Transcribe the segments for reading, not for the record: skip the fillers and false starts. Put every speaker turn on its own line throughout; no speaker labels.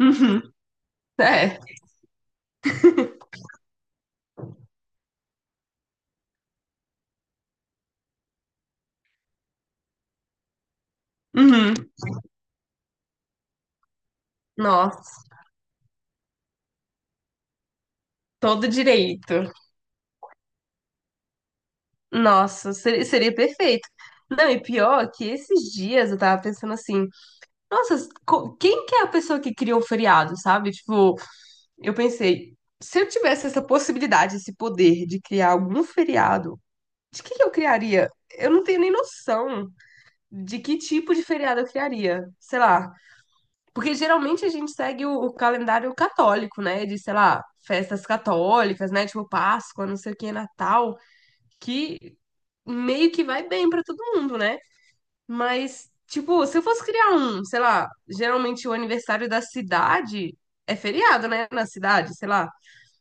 Uhum, é. Uhum, nossa, todo direito. Nossa, seria perfeito. Não, e pior que esses dias eu tava pensando assim, nossa, quem que é a pessoa que criou o feriado, sabe? Tipo, eu pensei, se eu tivesse essa possibilidade, esse poder de criar algum feriado, de que eu criaria? Eu não tenho nem noção de que tipo de feriado eu criaria. Sei lá, porque geralmente a gente segue o calendário católico, né? De, sei lá, festas católicas, né? Tipo Páscoa, não sei o que, Natal, que meio que vai bem pra todo mundo, né? Mas, tipo, se eu fosse criar um, sei lá, geralmente o aniversário da cidade é feriado, né? Na cidade, sei lá,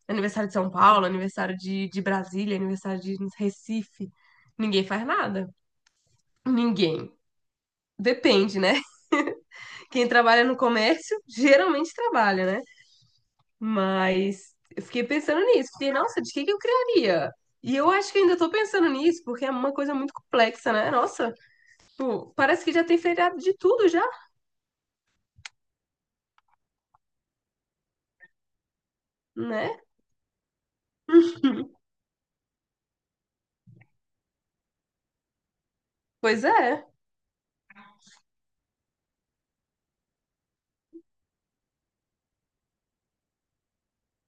aniversário de São Paulo, aniversário de Brasília, aniversário de Recife. Ninguém faz nada. Ninguém. Depende, né? Quem trabalha no comércio geralmente trabalha, né? Mas eu fiquei pensando nisso. Fiquei, nossa, de que eu criaria? E eu acho que ainda tô pensando nisso, porque é uma coisa muito complexa, né? Nossa, tipo, parece que já tem feriado de tudo já, né? Pois é.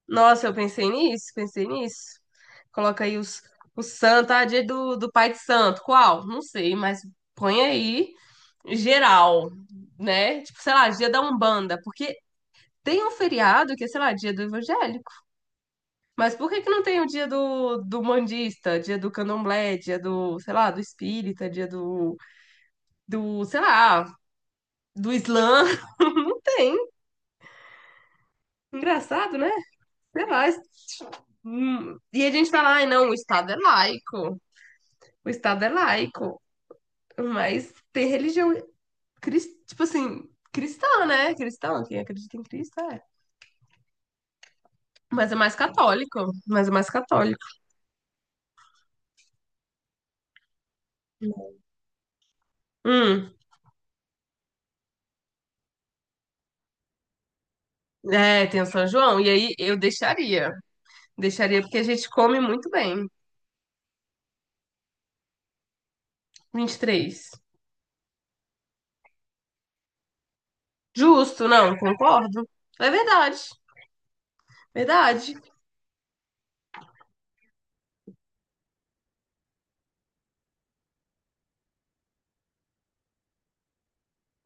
Nossa, eu pensei nisso, pensei nisso. Coloca aí os, o santo, ah, dia do, do pai de santo. Qual? Não sei, mas põe aí geral, né? Tipo, sei lá, dia da Umbanda, porque tem um feriado que é, sei lá, dia do Evangelho. Mas por que que não tem o dia do, do mandista, dia do candomblé, dia do, sei lá, do espírita, dia do, do, sei lá, do islã? Não tem. Engraçado, né? Sei lá. E a gente fala, ai, não, o Estado é laico. O Estado é laico. Mas tem religião, tipo assim, cristã, né? Cristão, quem acredita em Cristo é. Mas é mais católico. Mas é mais católico. Hum, é, tem o São João. E aí eu deixaria. Deixaria porque a gente come muito bem. 23. Justo, não, concordo. É verdade. Verdade.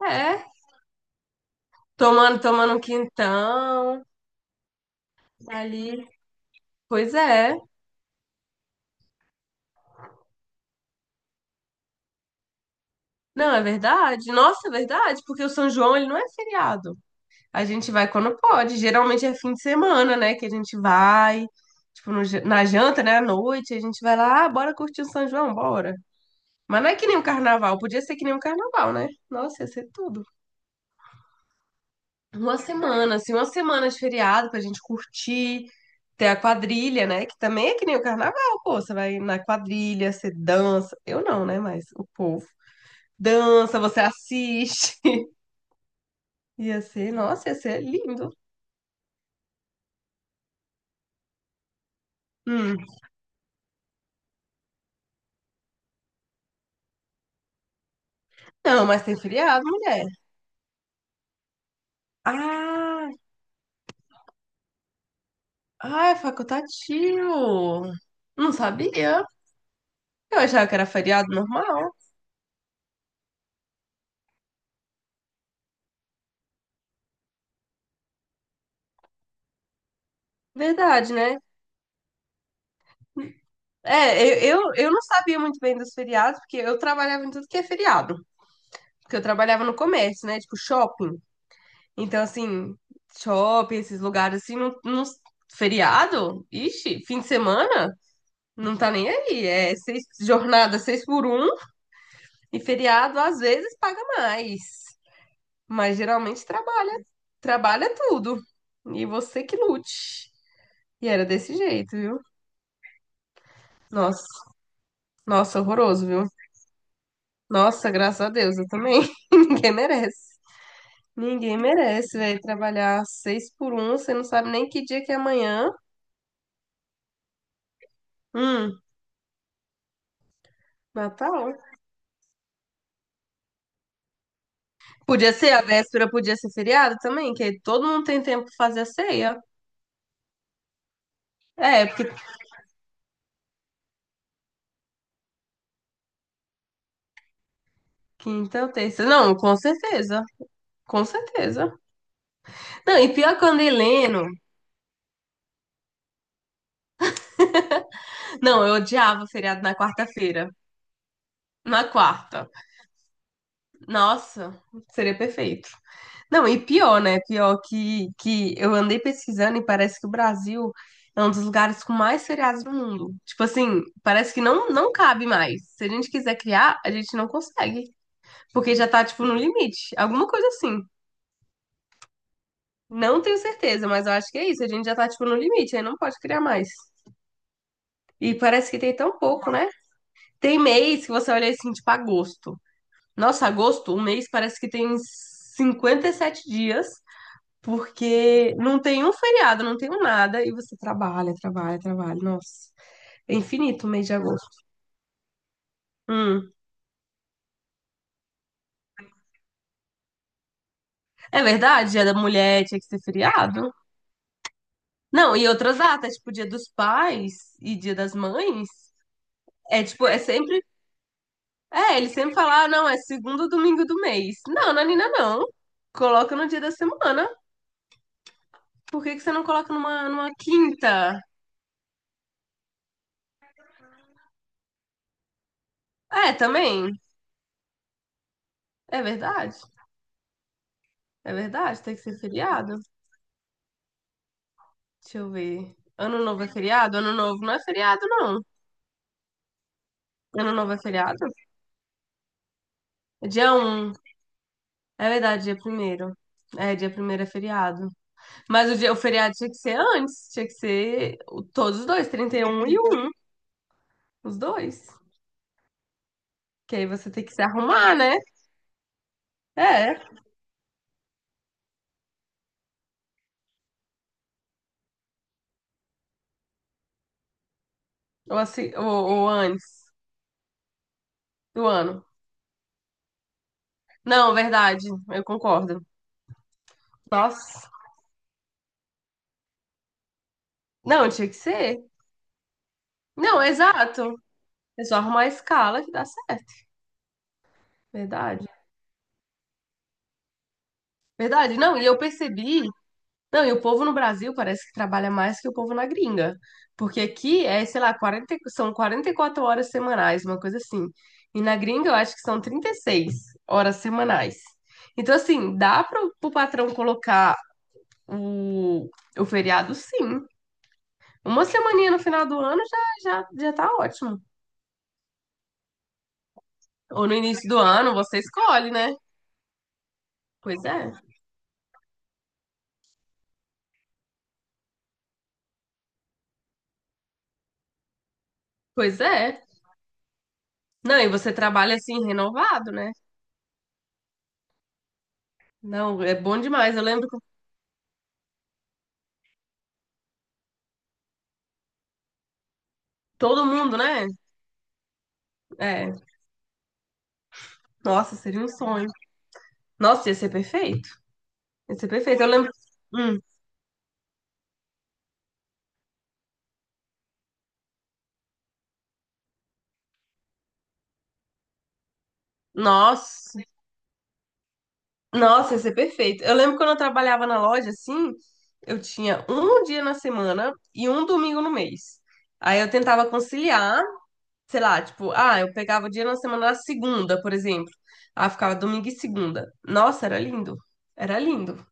É. Tomando, tomando um quintão ali. Pois é. Não, é verdade. Nossa, é verdade, porque o São João ele não é feriado. A gente vai quando pode. Geralmente é fim de semana, né? Que a gente vai. Tipo, no ja- na janta, né? À noite, a gente vai lá, ah, bora curtir o São João, bora. Mas não é que nem o carnaval. Podia ser que nem o carnaval, né? Nossa, ia ser tudo. Uma semana, assim, uma semana de feriado pra gente curtir, ter a quadrilha, né? Que também é que nem o carnaval, pô. Você vai na quadrilha, você dança. Eu não, né? Mas o povo dança, você assiste. Ia ser, nossa, ia ser lindo. Hum. Não, mas tem feriado, mulher. Ah, ah, é facultativo. Não sabia. Eu achava que era feriado normal. Verdade, né? É, eu não sabia muito bem dos feriados, porque eu trabalhava em tudo que é feriado. Porque eu trabalhava no comércio, né? Tipo, shopping. Então, assim, shopping, esses lugares assim, feriado? Ixi, fim de semana? Não tá nem aí. É seis, jornada seis por um e feriado às vezes paga mais. Mas geralmente trabalha, trabalha tudo. E você que lute. E era desse jeito, viu? Nossa, nossa, horroroso, viu? Nossa, graças a Deus, eu também. Ninguém merece. Ninguém merece, velho, trabalhar seis por um, você não sabe nem que dia que é amanhã. Hum, Natal. Podia ser a véspera, podia ser feriado também, que aí todo mundo tem tempo pra fazer a ceia. É, porque quinta ou terça. Não, com certeza. Com certeza. Não, e pior que eu andei lendo. Não, eu odiava feriado na quarta-feira. Na quarta. Nossa, seria perfeito. Não, e pior, né? Pior que eu andei pesquisando e parece que o Brasil é um dos lugares com mais feriados do mundo. Tipo assim, parece que não cabe mais. Se a gente quiser criar, a gente não consegue. Porque já tá, tipo, no limite. Alguma coisa assim. Não tenho certeza, mas eu acho que é isso. A gente já tá, tipo, no limite, aí não pode criar mais. E parece que tem tão pouco, né? Tem mês que você olha assim, tipo, agosto. Nossa, agosto, um mês parece que tem 57 dias. Porque não tem um feriado, não tem um nada, e você trabalha, trabalha, trabalha. Nossa, é infinito o mês de agosto. Hum. É verdade, Dia da Mulher tinha que ser feriado. Não, e outras datas, tipo Dia dos Pais e Dia das Mães, é tipo, é sempre. É, eles sempre falam, ah, não, é segundo domingo do mês. Não, Nanina, não. Coloca no dia da semana. Por que que você não coloca numa, numa quinta? É, também. É verdade. É verdade, tem que ser feriado. Deixa eu ver. Ano novo é feriado? Ano novo não é feriado, não. Ano novo é feriado? É Dia um. É verdade, dia primeiro. É, dia primeiro é feriado. Mas o dia, o feriado tinha que ser antes. Tinha que ser todos os dois, 31 e 1. Os dois. Que aí você tem que se arrumar, né? É. Ou, assim, ou antes do ano. Não, verdade. Eu concordo. Nossa. Não, tinha que ser. Não, exato. É só arrumar a escala que dá certo. Verdade. Verdade. Não, e eu percebi. Não, e o povo no Brasil parece que trabalha mais que o povo na gringa. Porque aqui é, sei lá, são 44 horas semanais, uma coisa assim. E na gringa eu acho que são 36 horas semanais. Então, assim, dá para o patrão colocar o, o feriado, sim. Uma semaninha no final do ano já tá ótimo. Ou no início do ano, você escolhe, né? Pois é, pois é. Não, e você trabalha assim, renovado, né? Não, é bom demais. Eu lembro que todo mundo, né? É. Nossa, seria um sonho. Nossa, ia ser perfeito. Ia ser perfeito. Eu lembro. Hum, nossa, nossa, ia ser perfeito. Eu lembro quando eu trabalhava na loja, assim, eu tinha um dia na semana e um domingo no mês. Aí eu tentava conciliar, sei lá, tipo, ah, eu pegava o dia na semana na segunda, por exemplo. Ah, ficava domingo e segunda. Nossa, era lindo. Era lindo.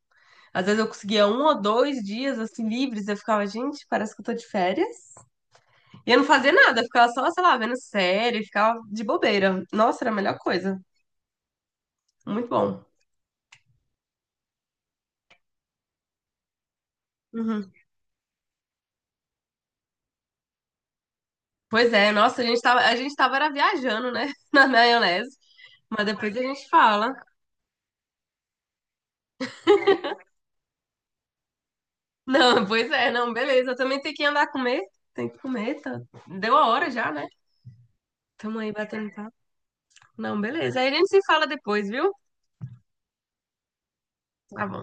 Às vezes eu conseguia um ou dois dias assim livres, eu ficava, gente, parece que eu tô de férias. E não fazer nada, ficava só, sei lá, vendo série, ficava de bobeira. Nossa, era a melhor coisa. Muito bom. Uhum. Pois é, nossa, a gente tava era viajando, né? Na maionese. Mas depois a gente fala. Não, pois é, não, beleza. Eu também tenho que andar a comer. Tem que comer, tá? Deu a hora já, né? Tamo aí batendo papo. Não, beleza. Aí a gente se fala depois, viu? Tá bom.